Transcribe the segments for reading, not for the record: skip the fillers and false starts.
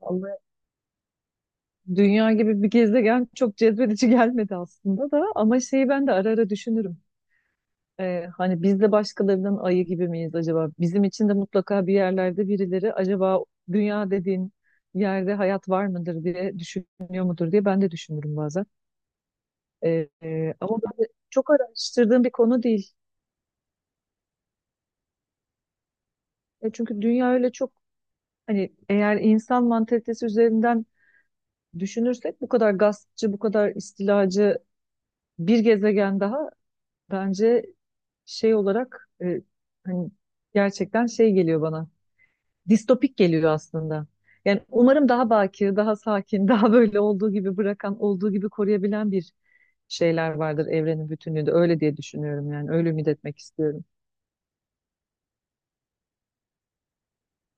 Vallahi dünya gibi bir gezegen çok cezbedici gelmedi aslında da ama şeyi ben de ara ara düşünürüm. Hani biz de başkalarının ayı gibi miyiz acaba? Bizim için de mutlaka bir yerlerde birileri acaba dünya dediğin yerde hayat var mıdır diye düşünüyor mudur diye ben de düşünürüm bazen. Ama ben de çok araştırdığım bir konu değil. Çünkü dünya öyle çok hani eğer insan mantalitesi üzerinden düşünürsek bu kadar gaspçı, bu kadar istilacı bir gezegen daha. Bence şey olarak, hani gerçekten şey geliyor bana. Distopik geliyor aslında. Yani umarım daha bakir, daha sakin, daha böyle olduğu gibi bırakan, olduğu gibi koruyabilen bir şeyler vardır evrenin bütünlüğünde. Öyle diye düşünüyorum yani. Öyle ümit etmek istiyorum.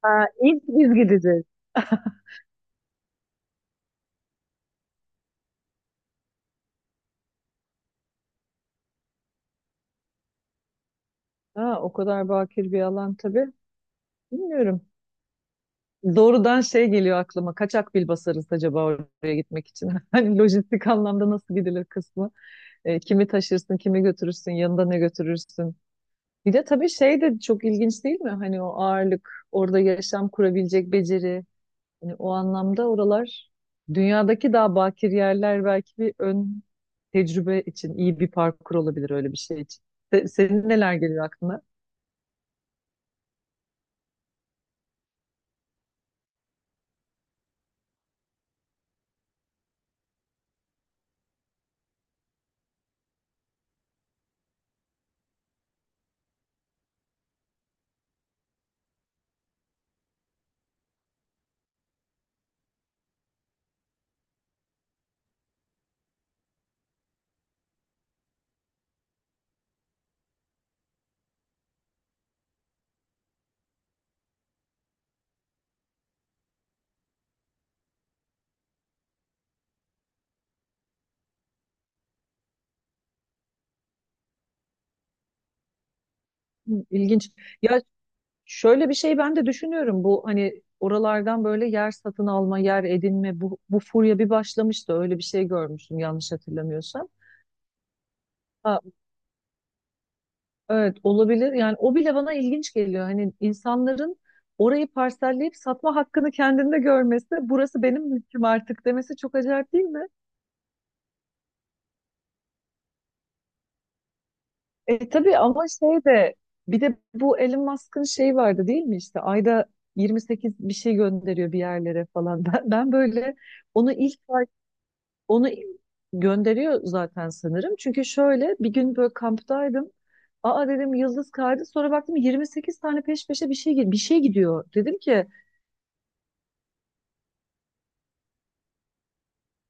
Ha, ilk biz gideceğiz. Ha, o kadar bakir bir alan tabii. Bilmiyorum. Doğrudan şey geliyor aklıma. Kaçak bil basarız acaba oraya gitmek için. Hani lojistik anlamda nasıl gidilir kısmı. Kimi taşırsın, kimi götürürsün, yanında ne götürürsün. Bir de tabii şey de çok ilginç değil mi? Hani o ağırlık, orada yaşam kurabilecek beceri. Hani o anlamda oralar dünyadaki daha bakir yerler belki bir ön tecrübe için iyi bir parkur olabilir öyle bir şey için. Senin neler geliyor aklına? Hı. İlginç. Ya şöyle bir şey ben de düşünüyorum. Bu hani oralardan böyle yer satın alma, yer edinme bu furya bir başlamıştı. Öyle bir şey görmüştüm yanlış hatırlamıyorsam. Evet, olabilir. Yani o bile bana ilginç geliyor. Hani insanların orayı parselleyip satma hakkını kendinde görmesi, burası benim mülküm artık demesi çok acayip değil mi? E tabii, ama şey de bir de bu Elon Musk'ın şeyi vardı değil mi işte ayda 28 bir şey gönderiyor bir yerlere falan. Ben böyle onu ilk onu gönderiyor zaten sanırım. Çünkü şöyle bir gün böyle kamptaydım. Aa, dedim, yıldız kaydı. Sonra baktım 28 tane peş peşe bir şey gidiyor. Dedim ki...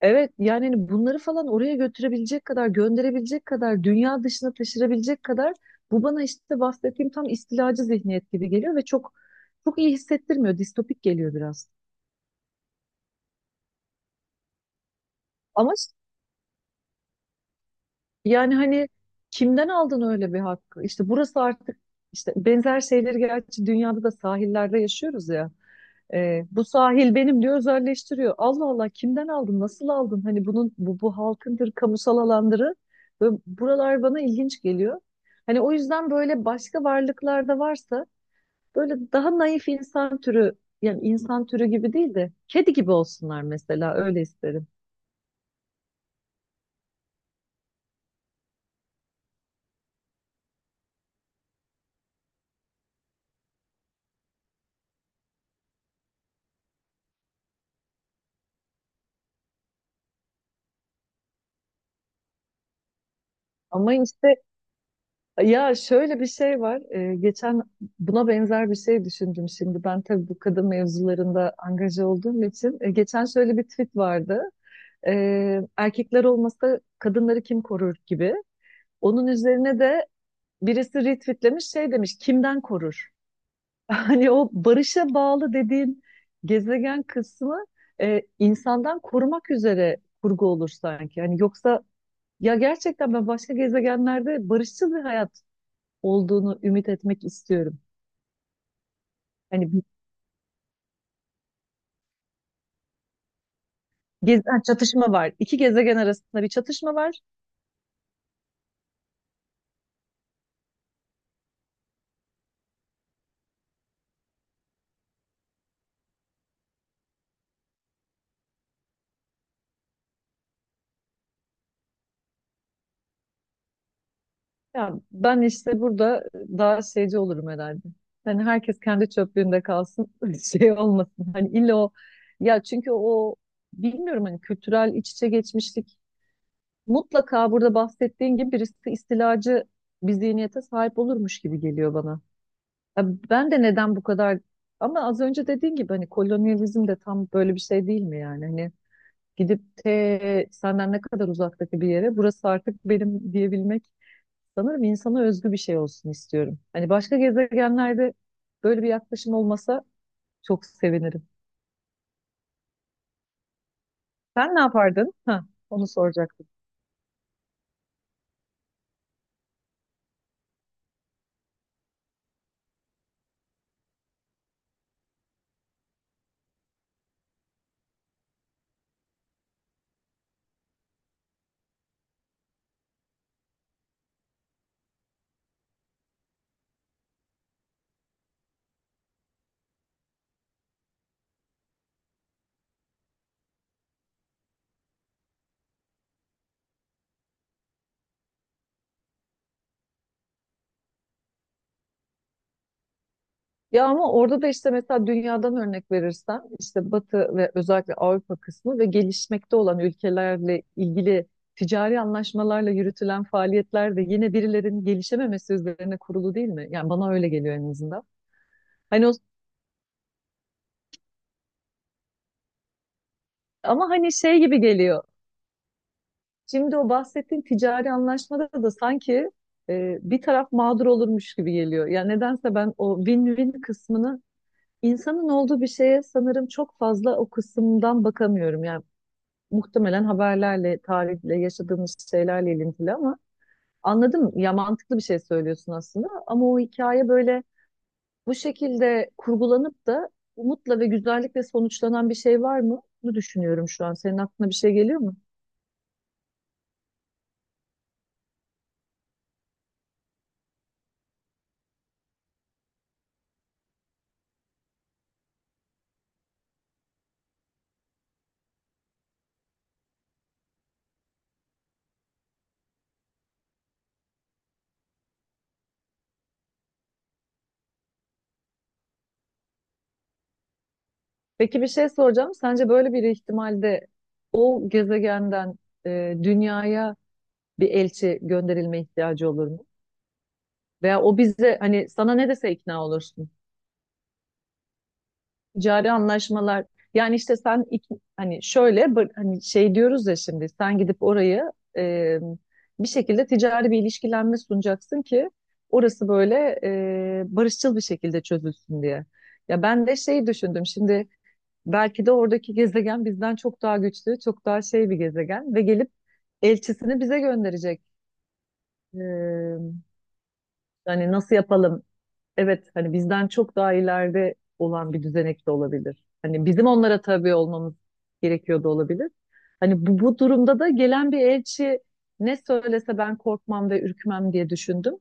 Evet yani hani bunları falan oraya götürebilecek kadar, gönderebilecek kadar, dünya dışına taşırabilecek kadar, bu bana işte bahsettiğim tam istilacı zihniyet gibi geliyor ve çok çok iyi hissettirmiyor. Distopik geliyor biraz. Ama ş- Yani hani kimden aldın öyle bir hakkı? İşte burası artık. İşte benzer şeyleri gerçi dünyada da sahillerde yaşıyoruz ya. Bu sahil benim diyor, özelleştiriyor. Allah Allah, kimden aldın? Nasıl aldın? Hani bunun bu halkındır, kamusal alandırı. Ve buralar bana ilginç geliyor. Hani o yüzden böyle başka varlıklarda varsa böyle daha naif insan türü, yani insan türü gibi değil de kedi gibi olsunlar mesela, öyle isterim. Ama işte ya şöyle bir şey var. Geçen buna benzer bir şey düşündüm şimdi. Ben tabii bu kadın mevzularında angaja olduğum için, geçen şöyle bir tweet vardı. Erkekler olmasa kadınları kim korur gibi. Onun üzerine de birisi retweetlemiş, şey demiş, kimden korur? Hani o barışa bağlı dediğin gezegen kısmı, insandan korumak üzere kurgu olur sanki. Hani yoksa ya gerçekten ben başka gezegenlerde barışçıl bir hayat olduğunu ümit etmek istiyorum. Hani bir ha, çatışma var. İki gezegen arasında bir çatışma var. Ya ben işte burada daha şeyci olurum herhalde. Hani herkes kendi çöplüğünde kalsın, şey olmasın. Hani illa o, ya çünkü o, bilmiyorum, hani kültürel iç içe geçmişlik mutlaka burada bahsettiğin gibi birisi istilacı bir zihniyete sahip olurmuş gibi geliyor bana. Ya ben de neden bu kadar, ama az önce dediğin gibi hani kolonyalizm de tam böyle bir şey değil mi yani? Hani gidip te senden ne kadar uzaktaki bir yere burası artık benim diyebilmek. Sanırım insana özgü bir şey olsun istiyorum. Hani başka gezegenlerde böyle bir yaklaşım olmasa çok sevinirim. Sen ne yapardın? Ha, onu soracaktım. Ya ama orada da işte mesela dünyadan örnek verirsen işte Batı ve özellikle Avrupa kısmı ve gelişmekte olan ülkelerle ilgili ticari anlaşmalarla yürütülen faaliyetler de yine birilerinin gelişememesi üzerine kurulu değil mi? Yani bana öyle geliyor en azından. Hani o, ama hani şey gibi geliyor. Şimdi o bahsettiğin ticari anlaşmada da sanki, bir taraf mağdur olurmuş gibi geliyor. Yani nedense ben o win-win kısmını, insanın olduğu bir şeye sanırım çok fazla o kısımdan bakamıyorum. Yani muhtemelen haberlerle, tarihle, yaşadığımız şeylerle ilintili, ama anladım ya, mantıklı bir şey söylüyorsun aslında. Ama o hikaye böyle bu şekilde kurgulanıp da umutla ve güzellikle sonuçlanan bir şey var mı? Bunu düşünüyorum şu an. Senin aklına bir şey geliyor mu? Peki, bir şey soracağım. Sence böyle bir ihtimalde o gezegenden dünyaya bir elçi gönderilme ihtiyacı olur mu? Veya o bize hani sana ne dese ikna olursun. Ticari anlaşmalar, yani işte hani şöyle hani şey diyoruz ya, şimdi sen gidip orayı bir şekilde ticari bir ilişkilenme sunacaksın ki orası böyle barışçıl bir şekilde çözülsün diye. Ya ben de şey düşündüm şimdi, belki de oradaki gezegen bizden çok daha güçlü, çok daha şey bir gezegen ve gelip elçisini bize gönderecek. Ee, hani nasıl yapalım? Evet, hani bizden çok daha ileride olan bir düzenek de olabilir. Hani bizim onlara tabi olmamız gerekiyor da olabilir. Hani bu, durumda da gelen bir elçi ne söylese ben korkmam ve ürkmem diye düşündüm.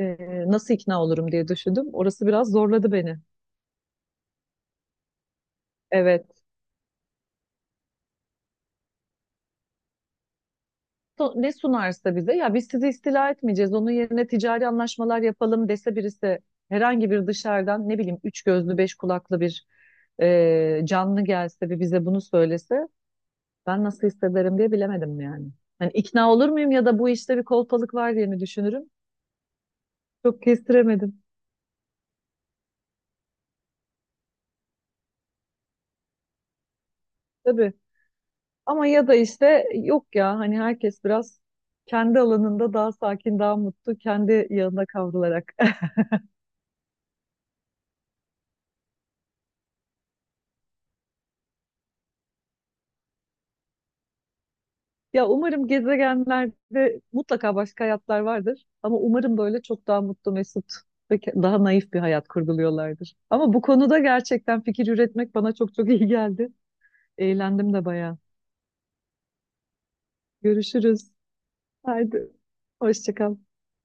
Nasıl ikna olurum diye düşündüm. Orası biraz zorladı beni. Evet. Ne sunarsa bize, ya biz sizi istila etmeyeceğiz, onun yerine ticari anlaşmalar yapalım dese birisi, herhangi bir dışarıdan, ne bileyim, üç gözlü beş kulaklı bir canlı gelse ve bize bunu söylese, ben nasıl hissederim diye bilemedim yani. Hani ikna olur muyum ya da bu işte bir kolpalık var diye mi düşünürüm? Çok kestiremedim tabii. Ama ya da işte yok ya, hani herkes biraz kendi alanında daha sakin, daha mutlu, kendi yanında kavrularak. Ya umarım gezegenlerde mutlaka başka hayatlar vardır. Ama umarım böyle çok daha mutlu, mesut ve daha naif bir hayat kurguluyorlardır. Ama bu konuda gerçekten fikir üretmek bana çok çok iyi geldi. Eğlendim de bayağı. Görüşürüz. Haydi. Hoşça kal.